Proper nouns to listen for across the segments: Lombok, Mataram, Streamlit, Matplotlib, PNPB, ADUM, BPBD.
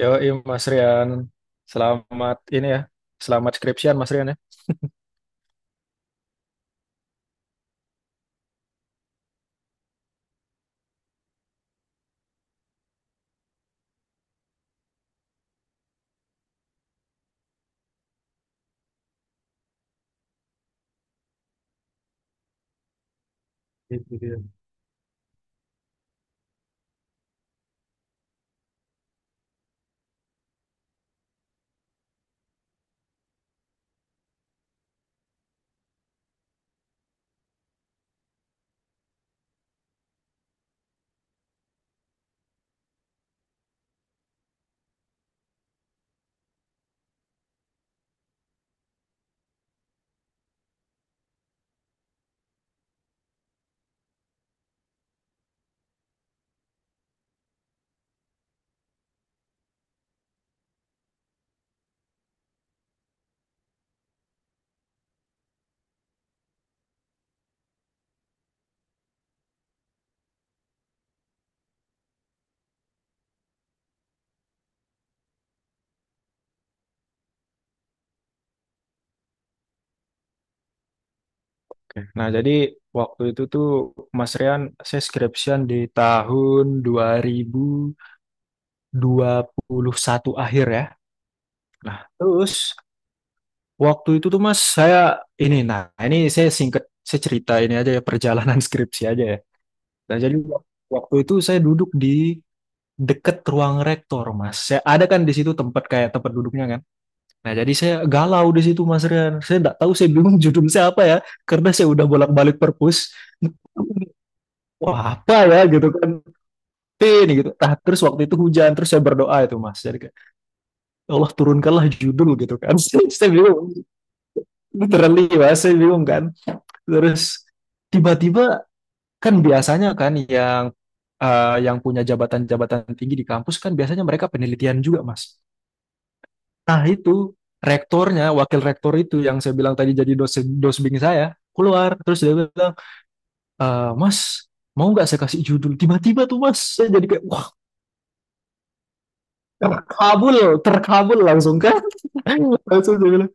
Yoi Mas Rian, selamat ini ya, selamat skripsian Mas Rian ya. Gitu dia. Oke. Nah, jadi waktu itu tuh Mas Rian, saya skripsian di tahun dua dua ribu dua puluh satu akhir ya. Nah terus waktu itu tuh Mas, saya ini, nah ini saya singkat, saya cerita ini aja ya perjalanan skripsi aja ya. Nah jadi waktu itu saya duduk di deket ruang rektor Mas. Saya ada kan di situ, tempat kayak tempat duduknya kan. Nah jadi saya galau di situ Mas Rian. Saya nggak tahu, saya bingung judul saya apa ya, karena saya udah bolak-balik perpus. Wah apa ya gitu kan, P ini gitu. Nah terus waktu itu hujan, terus saya berdoa itu Mas. Jadi kayak, "Ya Allah, turunkanlah judul gitu kan." Saya bingung, literally Mas, saya bingung kan. Terus tiba-tiba kan biasanya kan yang yang punya jabatan-jabatan tinggi di kampus kan biasanya mereka penelitian juga, Mas. Nah, itu rektornya, wakil rektor itu yang saya bilang tadi jadi dosen dosbing saya, keluar terus dia bilang, "Eh, Mas, mau nggak saya kasih judul?" Tiba-tiba tuh Mas, saya jadi kayak, "Wah, terkabul, terkabul langsung kan." Langsung dia bilang,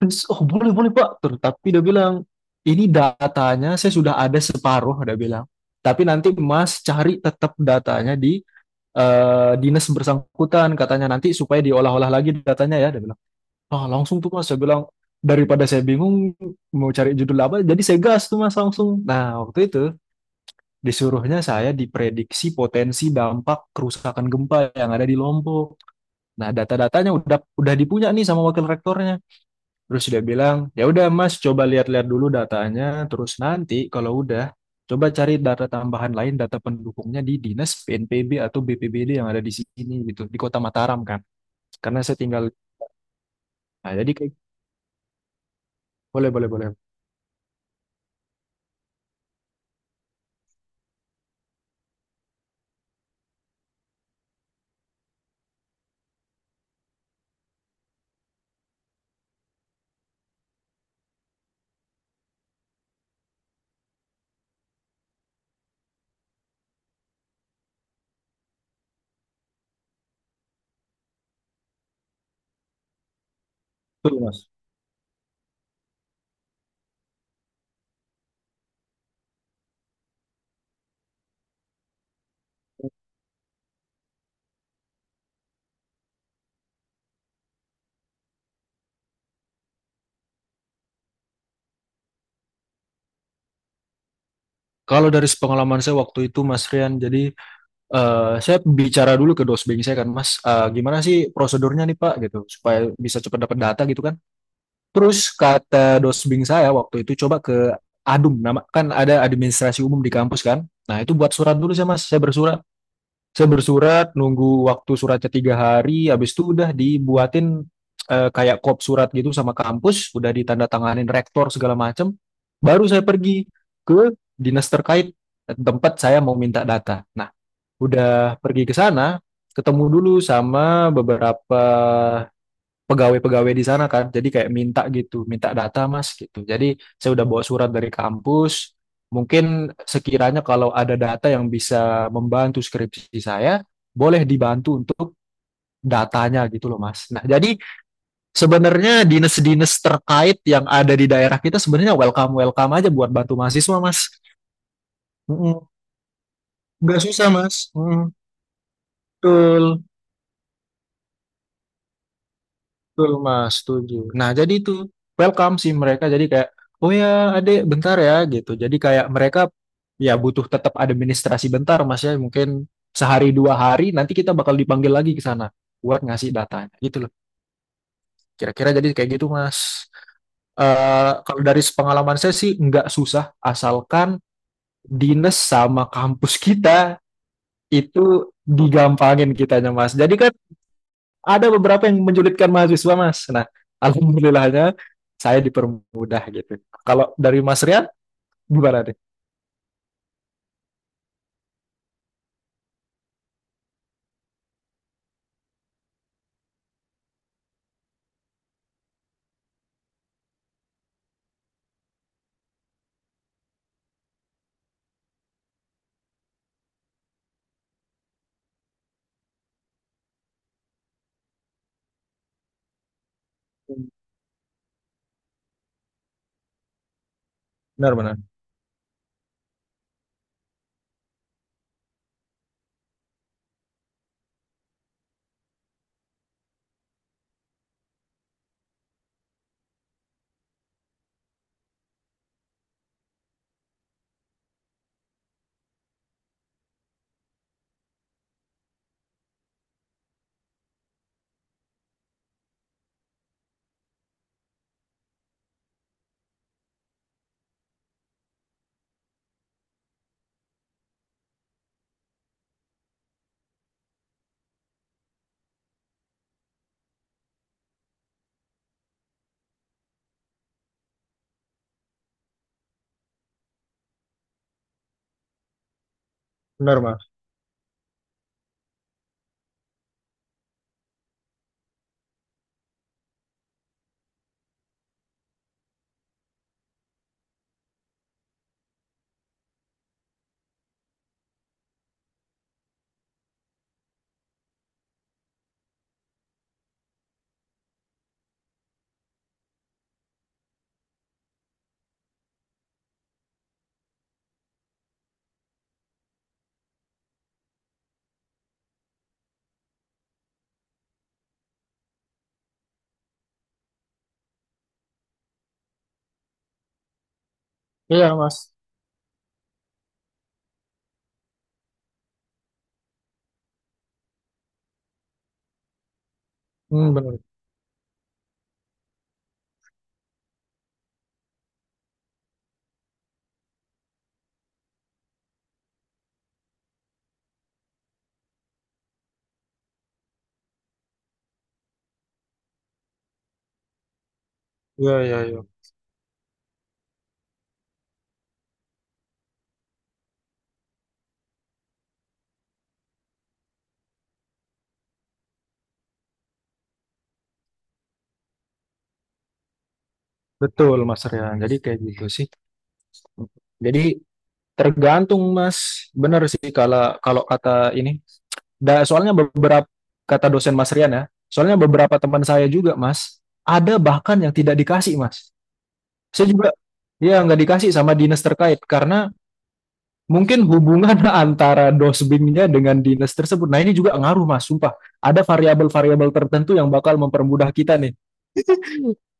"Terus," "Oh, boleh, boleh, Pak." Terus, tapi dia bilang, "Ini datanya saya sudah ada separuh," dia bilang. Tapi nanti Mas cari tetap datanya di dinas bersangkutan, katanya, nanti supaya diolah-olah lagi datanya ya dia bilang. Ah langsung tuh Mas saya bilang, daripada saya bingung mau cari judul apa, jadi saya gas tuh Mas langsung. Nah waktu itu disuruhnya saya diprediksi potensi dampak kerusakan gempa yang ada di Lombok. Nah data-datanya udah dipunya nih sama wakil rektornya. Terus dia bilang, ya udah Mas, coba lihat-lihat dulu datanya. Terus nanti kalau udah, coba cari data tambahan lain, data pendukungnya di dinas PNPB atau BPBD yang ada di sini gitu, di Kota Mataram kan. Karena saya tinggal. Nah, jadi kayak boleh, boleh, boleh. Betul, Mas. Kalau dari pengalaman saya waktu itu, Mas Rian, jadi saya bicara dulu ke dosbing saya kan, Mas, gimana sih prosedurnya nih Pak gitu, supaya bisa cepat dapat data gitu kan. Terus kata dosbing saya waktu itu, coba ke ADUM, nama kan ada administrasi umum di kampus kan. Nah itu buat surat dulu saya Mas, saya bersurat. Saya bersurat, nunggu waktu suratnya 3 hari, habis itu udah dibuatin kayak kop surat gitu sama kampus, udah ditandatanganin rektor segala macem. Baru saya pergi ke dinas terkait tempat saya mau minta data. Nah udah pergi ke sana, ketemu dulu sama beberapa pegawai-pegawai di sana kan. Jadi kayak minta gitu, minta data Mas gitu. Jadi saya udah bawa surat dari kampus. Mungkin sekiranya kalau ada data yang bisa membantu skripsi saya, boleh dibantu untuk datanya gitu loh Mas. Nah, jadi sebenarnya dinas-dinas terkait yang ada di daerah kita sebenarnya welcome-welcome aja buat bantu mahasiswa Mas. Mm-mm. Nggak susah Mas. Mm, betul. Betul Mas, setuju. Nah jadi itu welcome sih mereka. Jadi kayak oh ya adek bentar ya gitu. Jadi kayak mereka ya butuh tetap administrasi bentar Mas ya. Mungkin sehari 2 hari nanti kita bakal dipanggil lagi ke sana buat ngasih datanya gitu loh. Kira-kira jadi kayak gitu Mas. Kalau dari pengalaman saya sih nggak susah, asalkan dinas sama kampus kita itu digampangin kitanya Mas. Jadi kan ada beberapa yang menyulitkan mahasiswa Mas. Nah, alhamdulillahnya saya dipermudah gitu. Kalau dari Mas Rian gimana nih? Benar benar. Benar, Mas. Iya, Mas. Hmm, benar. Iya, iya, iya. Betul Mas Rian. Jadi kayak gitu sih. Jadi tergantung Mas. Benar sih kalau kalau kata ini. Da, soalnya beberapa kata dosen Mas Rian ya. Soalnya beberapa teman saya juga Mas. Ada bahkan yang tidak dikasih Mas. Saya juga ya nggak dikasih sama dinas terkait karena mungkin hubungan antara dosbingnya dengan dinas tersebut. Nah ini juga ngaruh Mas, sumpah. Ada variabel-variabel tertentu yang bakal mempermudah kita nih.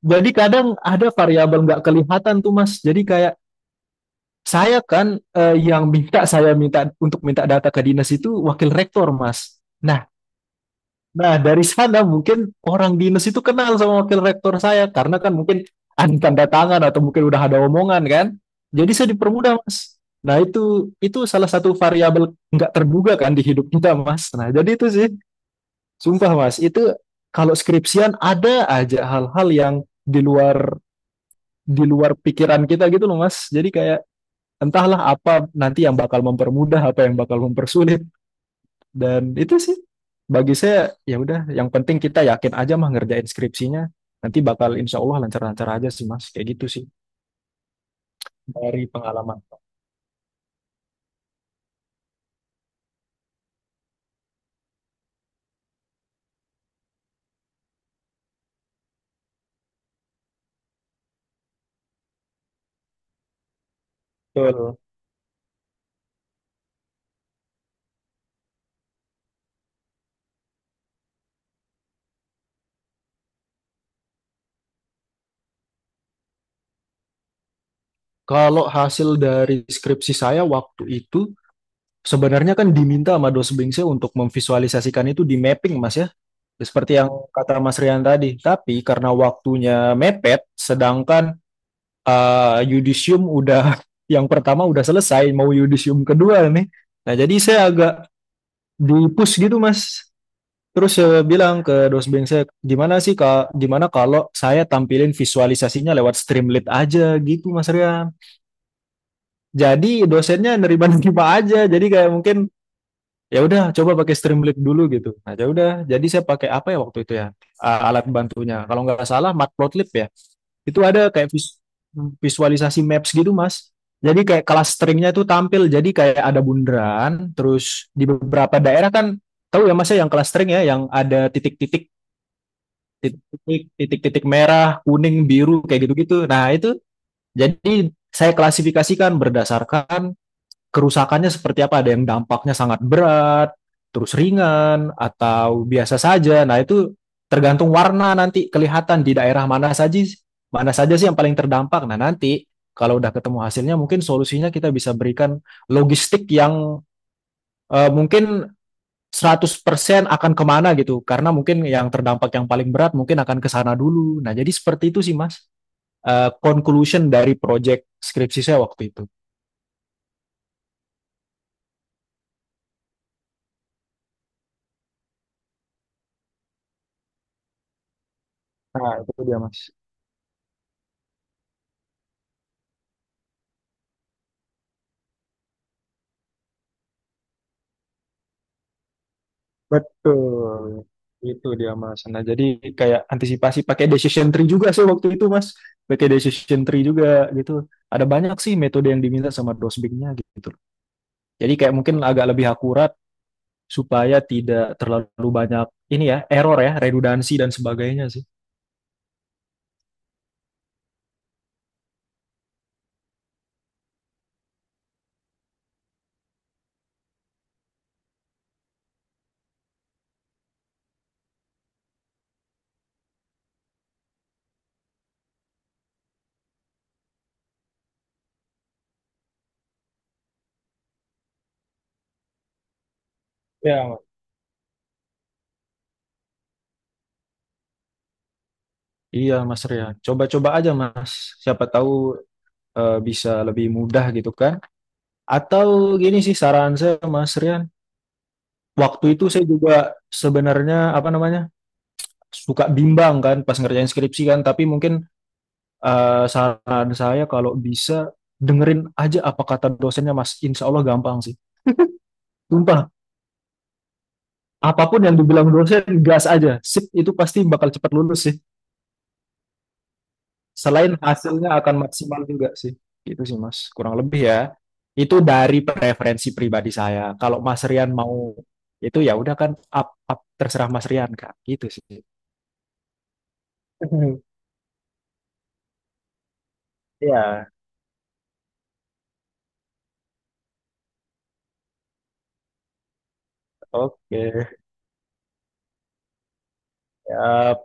Jadi kadang ada variabel nggak kelihatan tuh Mas. Jadi kayak saya kan yang minta, saya minta untuk minta data ke dinas itu wakil rektor Mas. Nah Nah, dari sana mungkin orang dinas itu kenal sama wakil rektor saya karena kan mungkin ada tanda tangan atau mungkin udah ada omongan kan. Jadi saya dipermudah, Mas. Nah, itu salah satu variabel nggak terduga kan di hidup kita, Mas. Nah, jadi itu sih, sumpah, Mas, itu kalau skripsian ada aja hal-hal yang di luar di luar pikiran kita gitu loh, Mas. Jadi kayak entahlah apa nanti yang bakal mempermudah, apa yang bakal mempersulit, dan itu sih bagi saya ya udah, yang penting kita yakin aja mah ngerjain skripsinya, nanti bakal insya Allah lancar-lancar aja sih Mas kayak gitu sih, dari pengalaman. Betul. Kalau hasil dari skripsi saya waktu itu, sebenarnya kan diminta sama dosen bimbing untuk memvisualisasikan itu di mapping Mas ya, seperti yang kata Mas Rian tadi, tapi karena waktunya mepet, sedangkan yudisium udah yang pertama udah selesai mau yudisium kedua nih. Nah, jadi saya agak di push gitu Mas, terus saya bilang ke dosen saya, gimana sih kak, gimana kalau saya tampilin visualisasinya lewat Streamlit aja gitu Mas Rian. Jadi dosennya nerima-nerima aja, jadi kayak mungkin ya udah coba pakai Streamlit dulu gitu. Nah ya udah jadi saya pakai apa ya waktu itu ya, alat bantunya kalau nggak salah Matplotlib ya. Itu ada kayak visualisasi maps gitu Mas. Jadi kayak kelas stringnya itu tampil, jadi kayak ada bundaran terus di beberapa daerah kan, tahu ya Mas ya, yang kelas, ya yang ada titik-titik merah kuning biru kayak gitu-gitu, nah itu jadi saya klasifikasikan berdasarkan kerusakannya seperti apa. Ada yang dampaknya sangat berat, terus ringan, atau biasa saja. Nah, itu tergantung warna nanti kelihatan di daerah mana saja, mana saja sih yang paling terdampak. Nah, nanti kalau udah ketemu hasilnya mungkin solusinya kita bisa berikan logistik yang mungkin 100% akan kemana gitu, karena mungkin yang terdampak yang paling berat mungkin akan ke sana dulu. Nah, jadi seperti itu sih Mas. Conclusion dari project skripsi saya waktu itu. Nah, itu dia Mas. Betul. Itu dia Mas. Nah, jadi kayak antisipasi pakai decision tree juga sih waktu itu Mas. Pakai decision tree juga gitu. Ada banyak sih metode yang diminta sama dosbingnya gitu. Jadi kayak mungkin agak lebih akurat supaya tidak terlalu banyak ini ya, error ya, redundansi dan sebagainya sih. Ya, Mas. Iya Mas Rian. Coba-coba aja Mas. Siapa tahu bisa lebih mudah gitu kan. Atau gini sih saran saya Mas Rian. Waktu itu saya juga sebenarnya apa namanya, suka bimbang kan pas ngerjain skripsi kan, tapi mungkin saran saya kalau bisa dengerin aja apa kata dosennya Mas, insya Allah gampang sih. Sumpah, apapun yang dibilang dosen, gas aja. Sip, itu pasti bakal cepat lulus sih. Selain hasilnya akan maksimal juga sih. Gitu sih Mas, kurang lebih ya. Itu dari preferensi pribadi saya. Kalau Mas Rian mau itu ya udah kan, up terserah Mas Rian kan. Gitu sih. Ya, oke. Ya,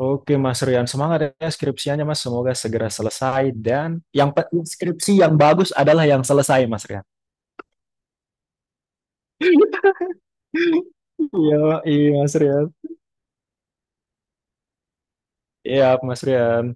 oke Mas Rian, semangat ya skripsianya Mas. Semoga segera selesai, dan yang skripsi yang bagus adalah yang selesai Mas Rian. Iya, iya Mas Rian. Iya Mas Rian.